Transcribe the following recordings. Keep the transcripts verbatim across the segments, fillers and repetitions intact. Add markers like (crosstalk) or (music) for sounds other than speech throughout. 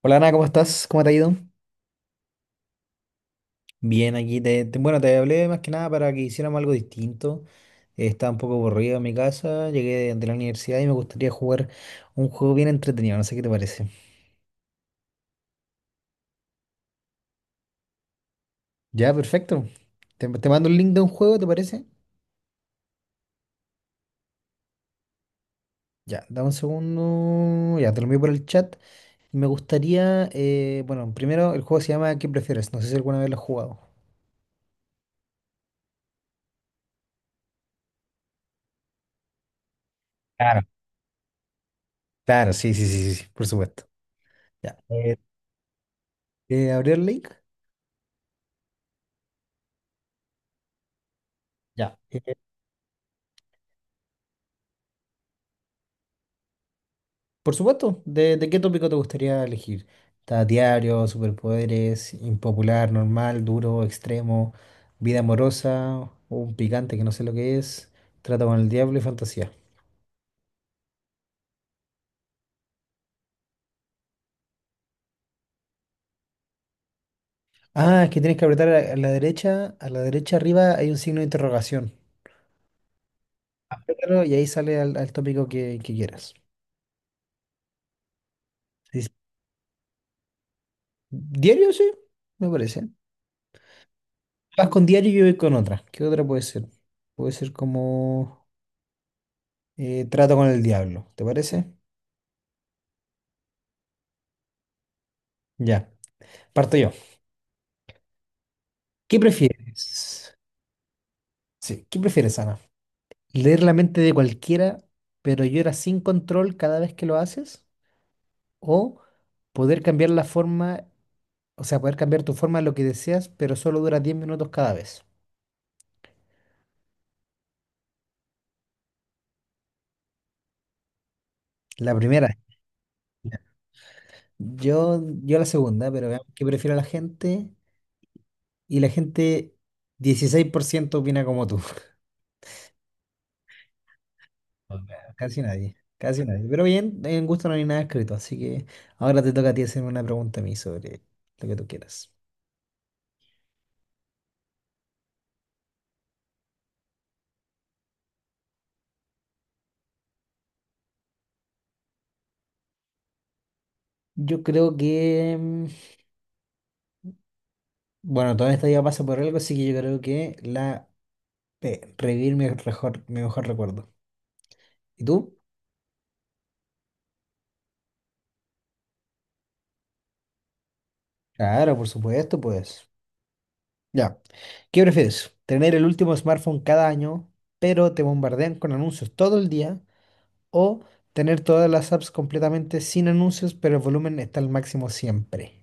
Hola Ana, ¿cómo estás? ¿Cómo te ha ido? Bien, aquí te, te- bueno, te hablé más que nada para que hiciéramos algo distinto. Eh, estaba un poco aburrido en mi casa, llegué de, de la universidad y me gustaría jugar un juego bien entretenido, no sé qué te parece. Ya, perfecto. Te, te mando el link de un juego, ¿te parece? Ya, dame un segundo. Ya, te lo envío por el chat. Me gustaría, eh, bueno, primero el juego se llama ¿Qué prefieres? No sé si alguna vez lo has jugado. Claro. Claro, sí, sí, sí, sí, sí, por supuesto. Ya. Eh, eh, ¿abrí el link? Ya. Por supuesto, ¿de, de qué tópico te gustaría elegir? ¿Está diario, superpoderes, impopular, normal, duro, extremo, vida amorosa, un picante que no sé lo que es, trata con el diablo y fantasía? Ah, es que tienes que apretar a a la derecha, a la derecha arriba hay un signo de interrogación. Apriétalo y ahí sale al, al tópico que, que quieras. Sí, sí. ¿Diario? Sí, me parece. Vas con diario y yo voy con otra. ¿Qué otra puede ser? Puede ser como eh, trato con el diablo, ¿te parece? Ya, parto yo. ¿Qué prefieres? Sí, ¿qué prefieres, Ana? ¿Leer la mente de cualquiera, pero lloras sin control cada vez que lo haces? ¿O poder cambiar la forma, o sea, poder cambiar tu forma a lo que deseas, pero solo dura diez minutos cada vez? La primera. Yo, yo la segunda, pero veamos qué prefiere la gente. Y la gente, dieciséis por ciento opina como tú. (laughs) O sea, Casi nadie, casi nadie. Pero bien, en gusto no hay nada escrito, así que ahora te toca a ti hacerme una pregunta a mí sobre lo que tú quieras. Yo creo que, mm, bueno, toda esta vida pasa por algo, así que yo creo que la P, revivir mi mejor, mi mejor recuerdo. ¿Y tú? Claro, por supuesto, pues. Ya. ¿Qué prefieres? ¿Tener el último smartphone cada año, pero te bombardean con anuncios todo el día? ¿O tener todas las apps completamente sin anuncios, pero el volumen está al máximo siempre?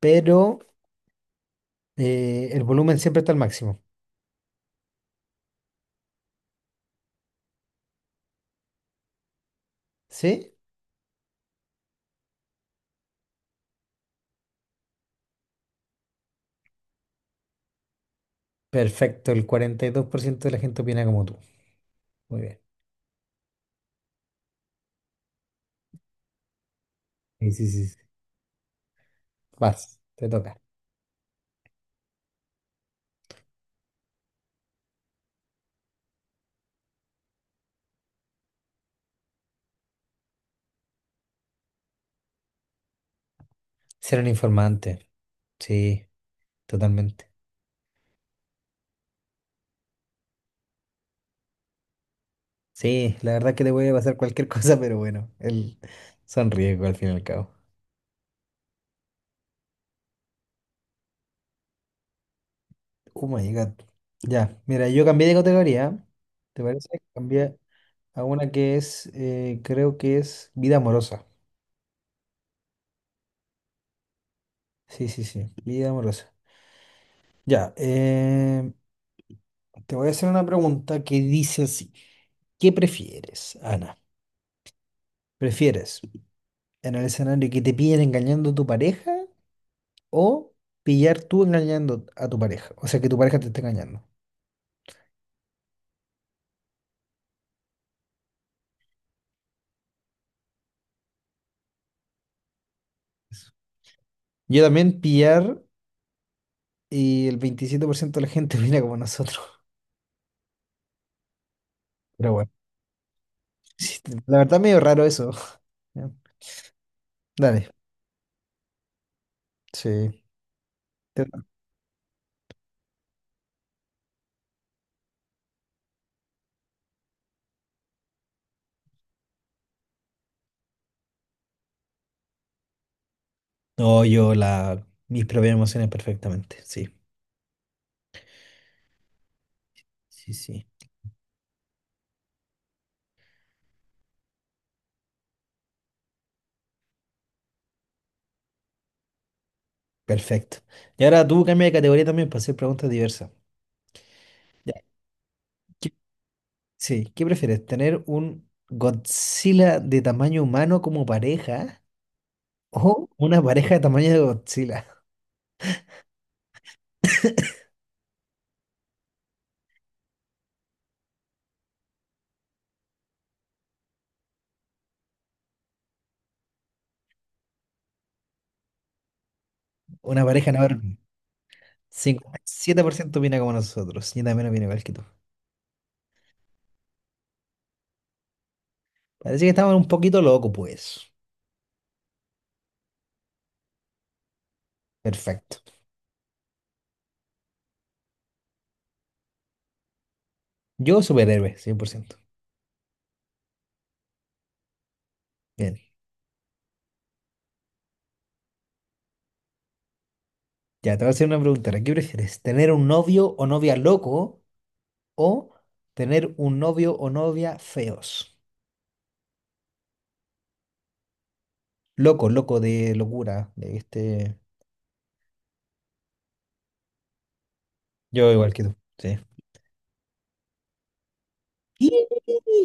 Pero eh, el volumen siempre está al máximo. ¿Sí? Perfecto, el cuarenta y dos por ciento de la gente opina como tú. Muy bien. Sí, sí, sí. Vas, te toca. Ser un informante. Sí, totalmente. Sí, la verdad que le voy a pasar cualquier (laughs) cosa, pero bueno, el son riesgos al fin y al cabo. Oh my God. Ya, mira, yo cambié de categoría. ¿Te parece? Cambié a una que es, eh, creo que es vida amorosa. Sí, sí, sí, vida amorosa. Ya, eh, te voy a hacer una pregunta que dice así. ¿Qué prefieres, Ana? ¿Prefieres en el escenario que te pillen engañando a tu pareja? O pillar tú engañando a tu pareja. O sea, que tu pareja te esté engañando. Eso. Yo también pillar y el veintisiete por ciento de la gente (laughs) opina como nosotros. Pero bueno, sí, la verdad medio raro eso. (laughs) Ya, Dale, sí. Te- No, yo la, mis propias emociones perfectamente. Sí, sí, sí. Perfecto. Y ahora tú cambia de categoría también para hacer preguntas diversas. Ya. ¿Qué- sí, ¿qué prefieres? ¿Tener un Godzilla de tamaño humano como pareja o una pareja de tamaño de Godzilla? Una pareja, no ver, cincuenta y siete por ciento opina como nosotros. Yo también opino igual que tú. Parece que estamos un poquito locos, pues. Perfecto. Yo, superhéroe, cien por ciento. Bien. Ya, te voy a hacer una pregunta. ¿Qué prefieres? ¿Tener un novio o novia loco o tener un novio o novia feos? Loco, loco de locura. De este... Yo igual que tú. Sí. Y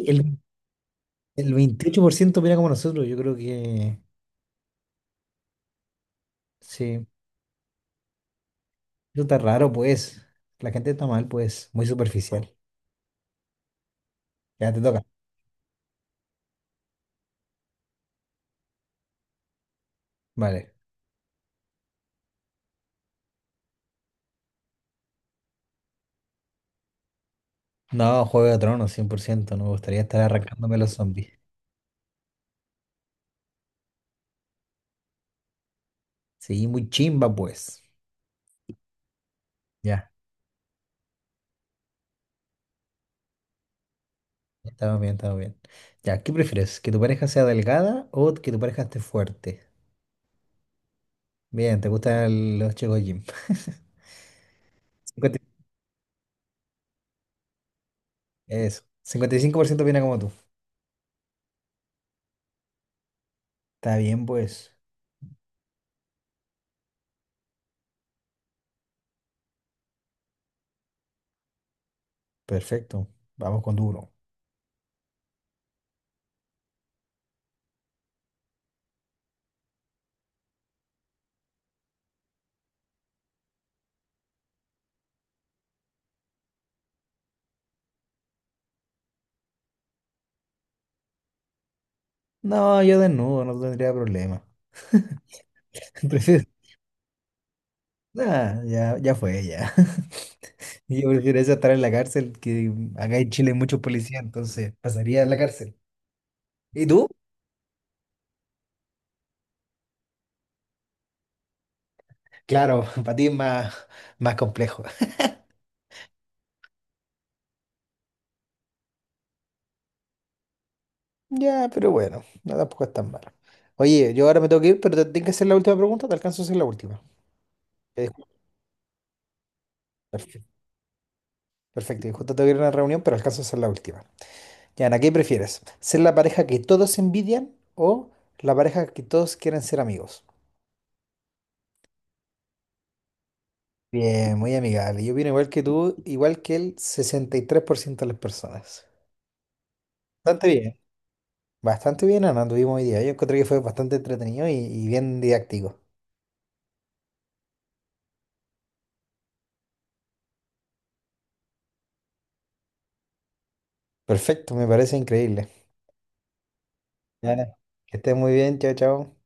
el, el veintiocho por ciento opina como nosotros. Yo creo que sí. Eso está raro, pues. La gente está mal, pues. Muy superficial. Ya te toca. Vale. No, Juego de Tronos, cien por ciento. No me gustaría estar arrancándome los zombies. Sí, muy chimba, pues. Ya, estamos bien, estamos bien. Ya, ¿qué prefieres? ¿Que tu pareja sea delgada o que tu pareja esté fuerte? Bien, ¿te gustan los chicos gym? (laughs) cincuenta. Eso. Cincuenta y cinco por ciento viene como tú. Está bien, pues. Perfecto. Vamos con duro. No, yo desnudo, no tendría problema. (laughs) prefiero Ah, ya, ya fue, ya. (laughs) Yo prefiero eso a estar en la cárcel, que acá en Chile hay muchos policías, entonces pasaría a la cárcel. ¿Y tú? Claro, (laughs) para ti es más, más complejo. Ya, pero bueno, no tampoco es tan malo. Oye, yo ahora me tengo que ir, pero te tengo que hacer la última pregunta, te alcanzo a hacer la última. Ya, disculpa, Perfecto, perfecto, y justo tengo que ir a una reunión, pero alcanzo a hacer la última. Ya, Ana, ¿qué prefieres? ¿Ser la pareja que todos envidian o la pareja que todos quieren ser amigos? Bien, muy amigable. Yo opino igual que tú, igual que el sesenta y tres por ciento de las personas. Bastante bien. Bastante bien, Ana, tuvimos hoy día. Yo encontré que fue bastante entretenido y, y bien didáctico. Perfecto, me parece increíble. Ya, Ana, que estés muy bien. Chao, chao.